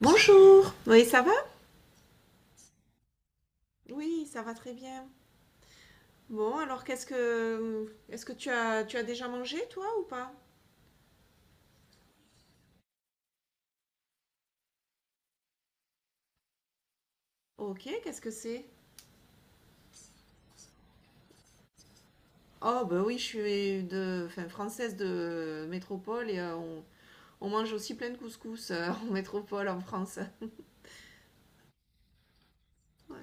Bonjour. Oui, ça va? Oui, ça va très bien. Bon, alors qu'est-ce que est-ce que tu as déjà mangé toi ou pas? Ok, qu'est-ce que c'est? Oh bah oui, je suis de enfin, française de métropole et on mange aussi plein de couscous en métropole en France. Ouais.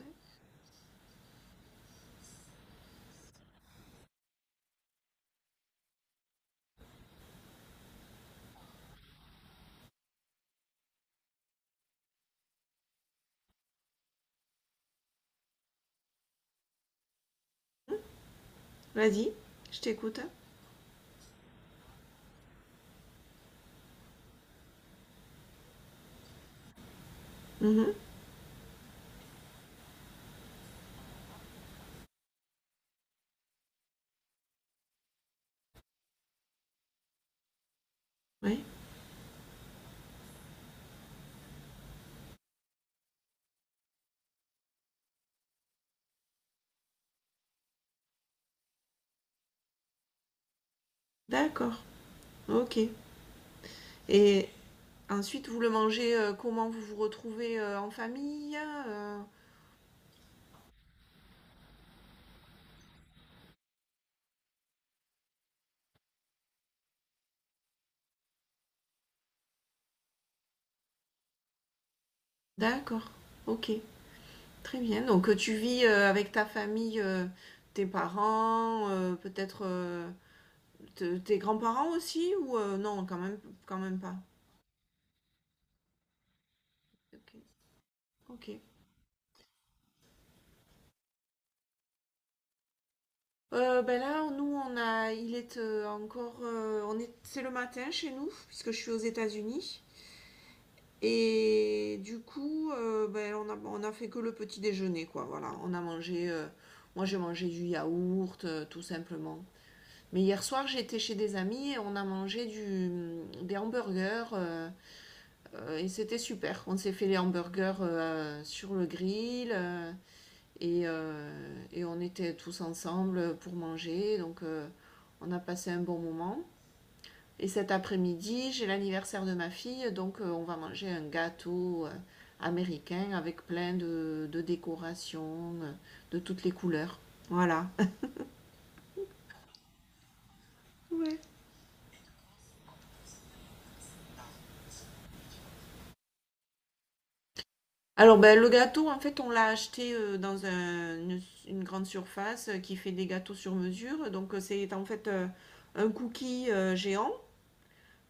Vas-y, je t'écoute. Mhm. Oui, d'accord. Ok. Et ensuite, vous le mangez comment vous vous retrouvez en famille? D'accord. Ok. Très bien. Donc, tu vis avec ta famille, tes parents, peut-être tes grands-parents aussi, ou non, quand même pas. Ok. Ok. Ben là, nous, on a, il est encore, on est, c'est le matin chez nous, puisque je suis aux États-Unis. Et du coup, ben, on a fait que le petit déjeuner, quoi. Voilà, on a mangé, moi j'ai mangé du yaourt, tout simplement. Mais hier soir, j'étais chez des amis et on a mangé du, des hamburgers et c'était super. On s'est fait les hamburgers sur le grill et, euh, et on était tous ensemble pour manger. Donc on a passé un bon moment. Et cet après-midi, j'ai l'anniversaire de ma fille, donc on va manger un gâteau américain avec plein de décorations de toutes les couleurs. Voilà. Ouais. Alors, ben, le gâteau, en fait, on l'a acheté dans une grande surface qui fait des gâteaux sur mesure. Donc, c'est en fait un cookie géant.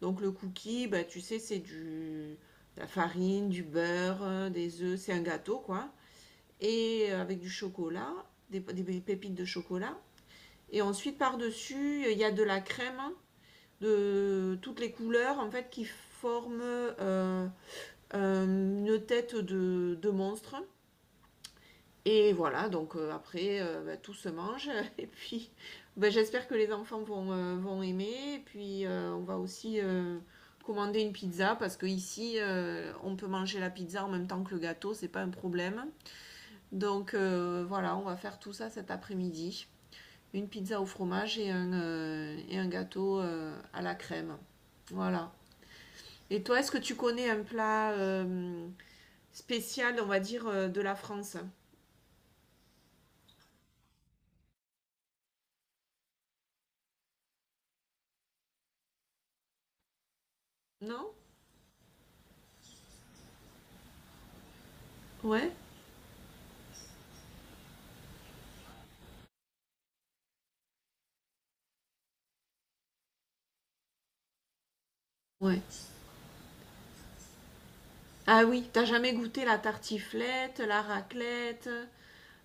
Donc, le cookie, ben, tu sais, c'est du, de la farine, du beurre, des œufs. C'est un gâteau, quoi. Et avec du chocolat, des pépites de chocolat. Et ensuite, par-dessus, il y a de la crème hein, de toutes les couleurs, en fait, qui forment une tête de monstre. Et voilà, donc après, bah, tout se mange. Et puis, bah, j'espère que les enfants vont, vont aimer. Et puis, on va aussi commander une pizza parce que ici, on peut manger la pizza en même temps que le gâteau, c'est pas un problème. Donc voilà, on va faire tout ça cet après-midi. Une pizza au fromage et un gâteau à la crème. Voilà. Et toi, est-ce que tu connais un plat spécial, on va dire, de la France? Non. Ouais. Ouais. Ah oui, t'as jamais goûté la tartiflette, la raclette,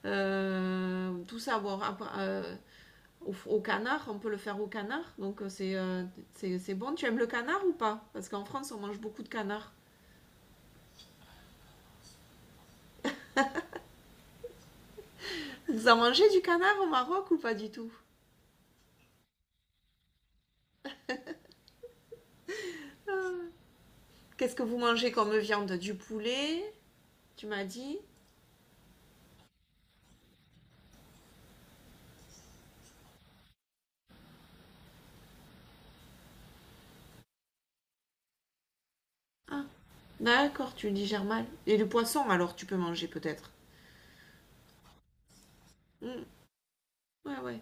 tout ça. Bon, après, au, au canard, on peut le faire au canard, donc c'est c'est bon. Tu aimes le canard ou pas? Parce qu'en France, on mange beaucoup de canard. Vous en mangez du canard au Maroc ou pas du tout? Qu'est-ce que vous mangez comme viande? Du poulet, tu m'as dit? Ah, d'accord, tu digères mal. Et le poisson, alors tu peux manger peut-être. Hmm, ouais, ouais.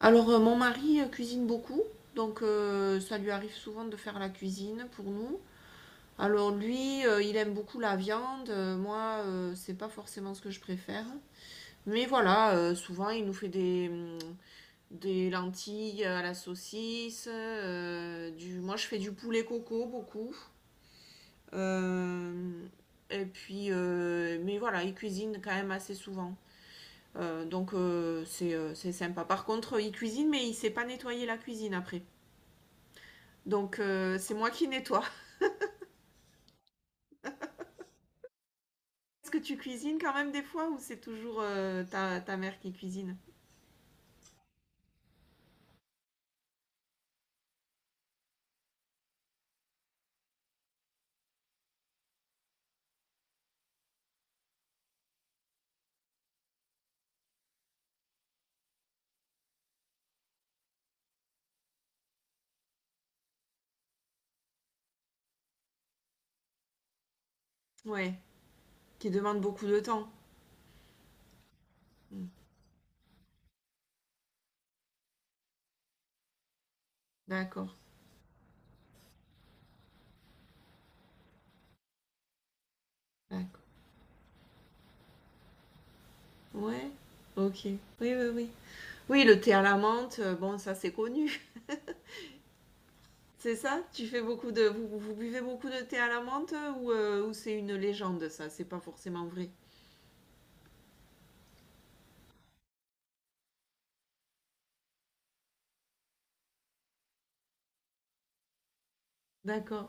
Alors, mon mari cuisine beaucoup, donc ça lui arrive souvent de faire la cuisine pour nous. Alors lui, il aime beaucoup la viande, moi, c'est pas forcément ce que je préfère. Mais voilà, souvent il nous fait des lentilles à la saucisse, du... moi je fais du poulet coco beaucoup. Euh, et puis, mais voilà, il cuisine quand même assez souvent. Donc c'est sympa. Par contre, il cuisine, mais il sait pas nettoyer la cuisine après. Donc c'est moi qui nettoie. Est-ce que tu cuisines quand même des fois ou c'est toujours ta, ta mère qui cuisine? Ouais, qui demande beaucoup de temps. Mm. D'accord, d'accord. Ouais, ok. Oui, oui, oui. Oui, le thé à la menthe, bon, ça c'est connu. C'est ça? Tu fais beaucoup de... Vous, vous buvez beaucoup de thé à la menthe ou c'est une légende ça? C'est pas forcément vrai. D'accord.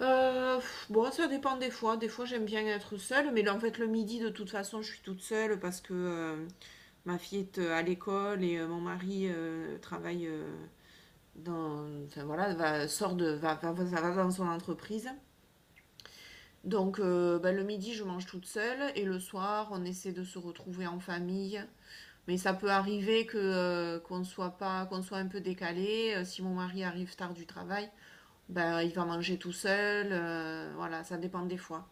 Pff, bon, ça dépend des fois. Des fois, j'aime bien être seule, mais là, en fait, le midi, de toute façon, je suis toute seule parce que ma fille est à l'école et mon mari travaille dans. Enfin voilà, va, sort de, va, va, va dans son entreprise. Donc ben, le midi, je mange toute seule et le soir, on essaie de se retrouver en famille. Mais ça peut arriver que qu'on soit pas, qu'on soit un peu décalé. Si mon mari arrive tard du travail, ben il va manger tout seul. Voilà, ça dépend des fois.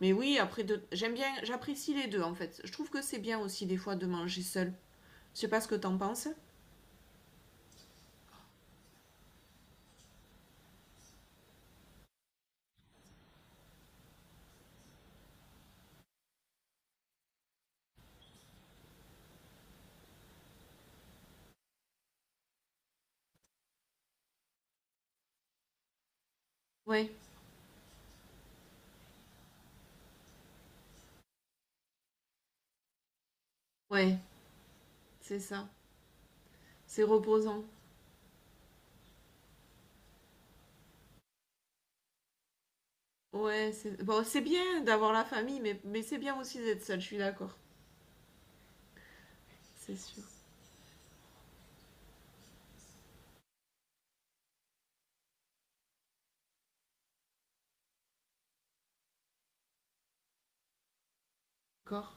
Mais oui, après, j'aime bien, j'apprécie les deux en fait. Je trouve que c'est bien aussi des fois de manger seul. Je sais pas ce que t'en penses. Ouais. Ouais, c'est ça. C'est reposant. Ouais, c'est bon, c'est bien d'avoir la famille, mais c'est bien aussi d'être seul, je suis d'accord. C'est sûr. D'accord,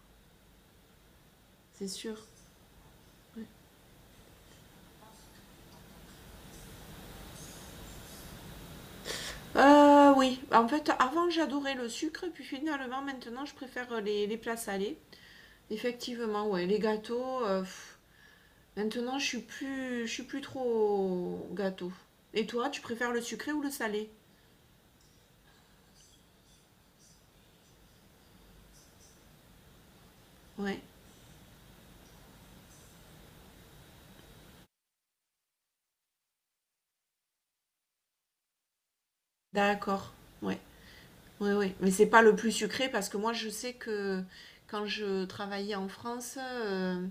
c'est sûr. Oui, en fait, avant j'adorais le sucre, puis finalement maintenant je préfère les plats salés. Effectivement, ouais, les gâteaux. Pff, maintenant je suis plus trop gâteau. Et toi, tu préfères le sucré ou le salé? Ouais, d'accord. Ouais. Oui, oui, mais c'est pas le plus sucré parce que moi je sais que quand je travaillais en France,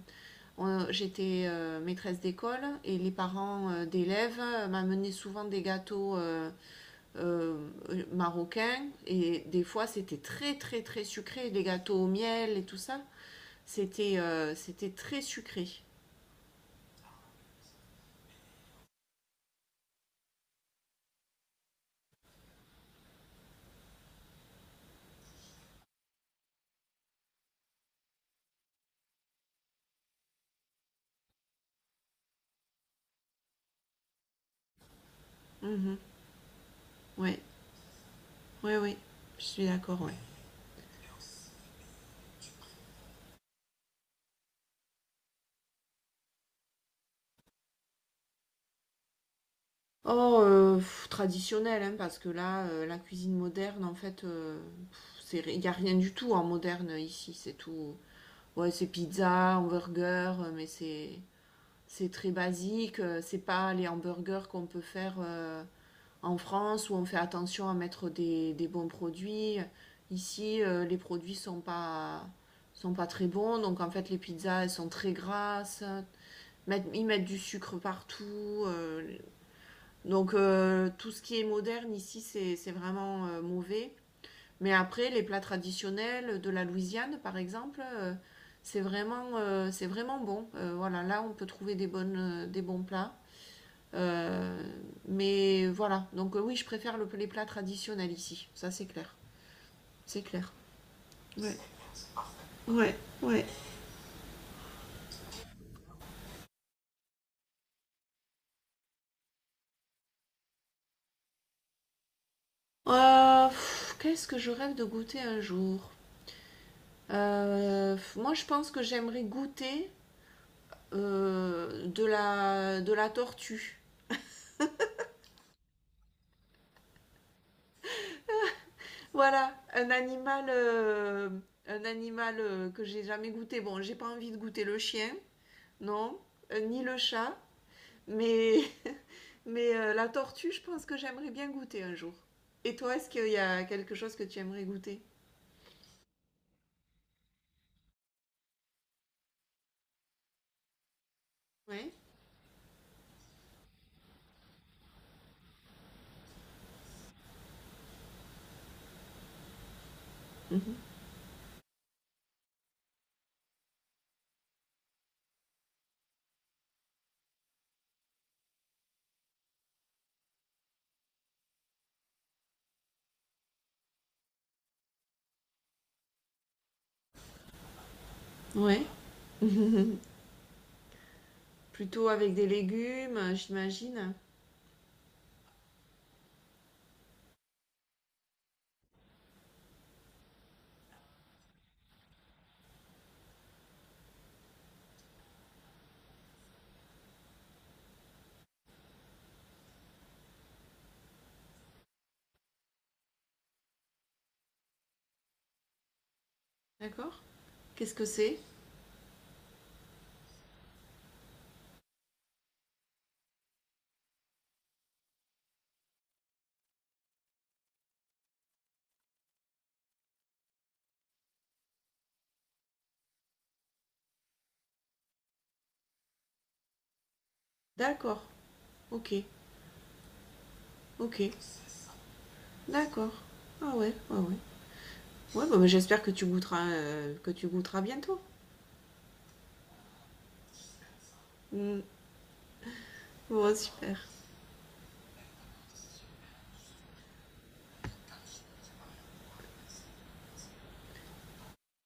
j'étais maîtresse d'école et les parents d'élèves m'amenaient souvent des gâteaux marocains et des fois c'était très très très sucré, des gâteaux au miel et tout ça. C'était c'était très sucré. Mhm. Ouais, oui, ouais, je suis d'accord, ouais. Oh, pff, traditionnel, hein, parce que là, la cuisine moderne, en fait, il n'y a rien du tout en moderne ici. C'est tout. Ouais, c'est pizza, hamburger, mais c'est très basique. C'est pas les hamburgers qu'on peut faire en France où on fait attention à mettre des bons produits. Ici, les produits sont pas très bons, donc en fait, les pizzas, elles sont très grasses. Ils mettent du sucre partout. Donc tout ce qui est moderne ici, c'est vraiment mauvais. Mais après, les plats traditionnels de la Louisiane, par exemple, c'est vraiment bon. Voilà, là, on peut trouver des, bonnes, des bons plats. Euh, mais voilà, donc oui, je préfère les plats traditionnels ici. Ça, c'est clair. C'est clair. Ouais. Ouais, ouais. Pff, qu'est-ce que je rêve de goûter un jour? Pff, moi, je pense que j'aimerais goûter de la tortue. Voilà, un animal que j'ai jamais goûté. Bon, j'ai pas envie de goûter le chien, non, ni le chat, mais, mais la tortue, je pense que j'aimerais bien goûter un jour. Et toi, est-ce qu'il y a quelque chose que tu aimerais goûter? Ouais, ouais. Plutôt avec des légumes, j'imagine. D'accord. Qu'est-ce que c'est? D'accord, ok, ok. D'accord. Ah ouais, ah ouais. Ouais, bah, bah, j'espère que tu goûteras bientôt. Mm. Bon, super.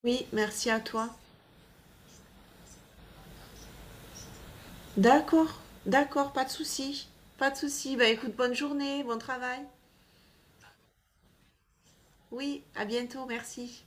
Oui, merci à toi. D'accord, d'accord, pas de souci. Pas de souci. Bah écoute, bonne journée, bon travail. Oui, à bientôt, merci.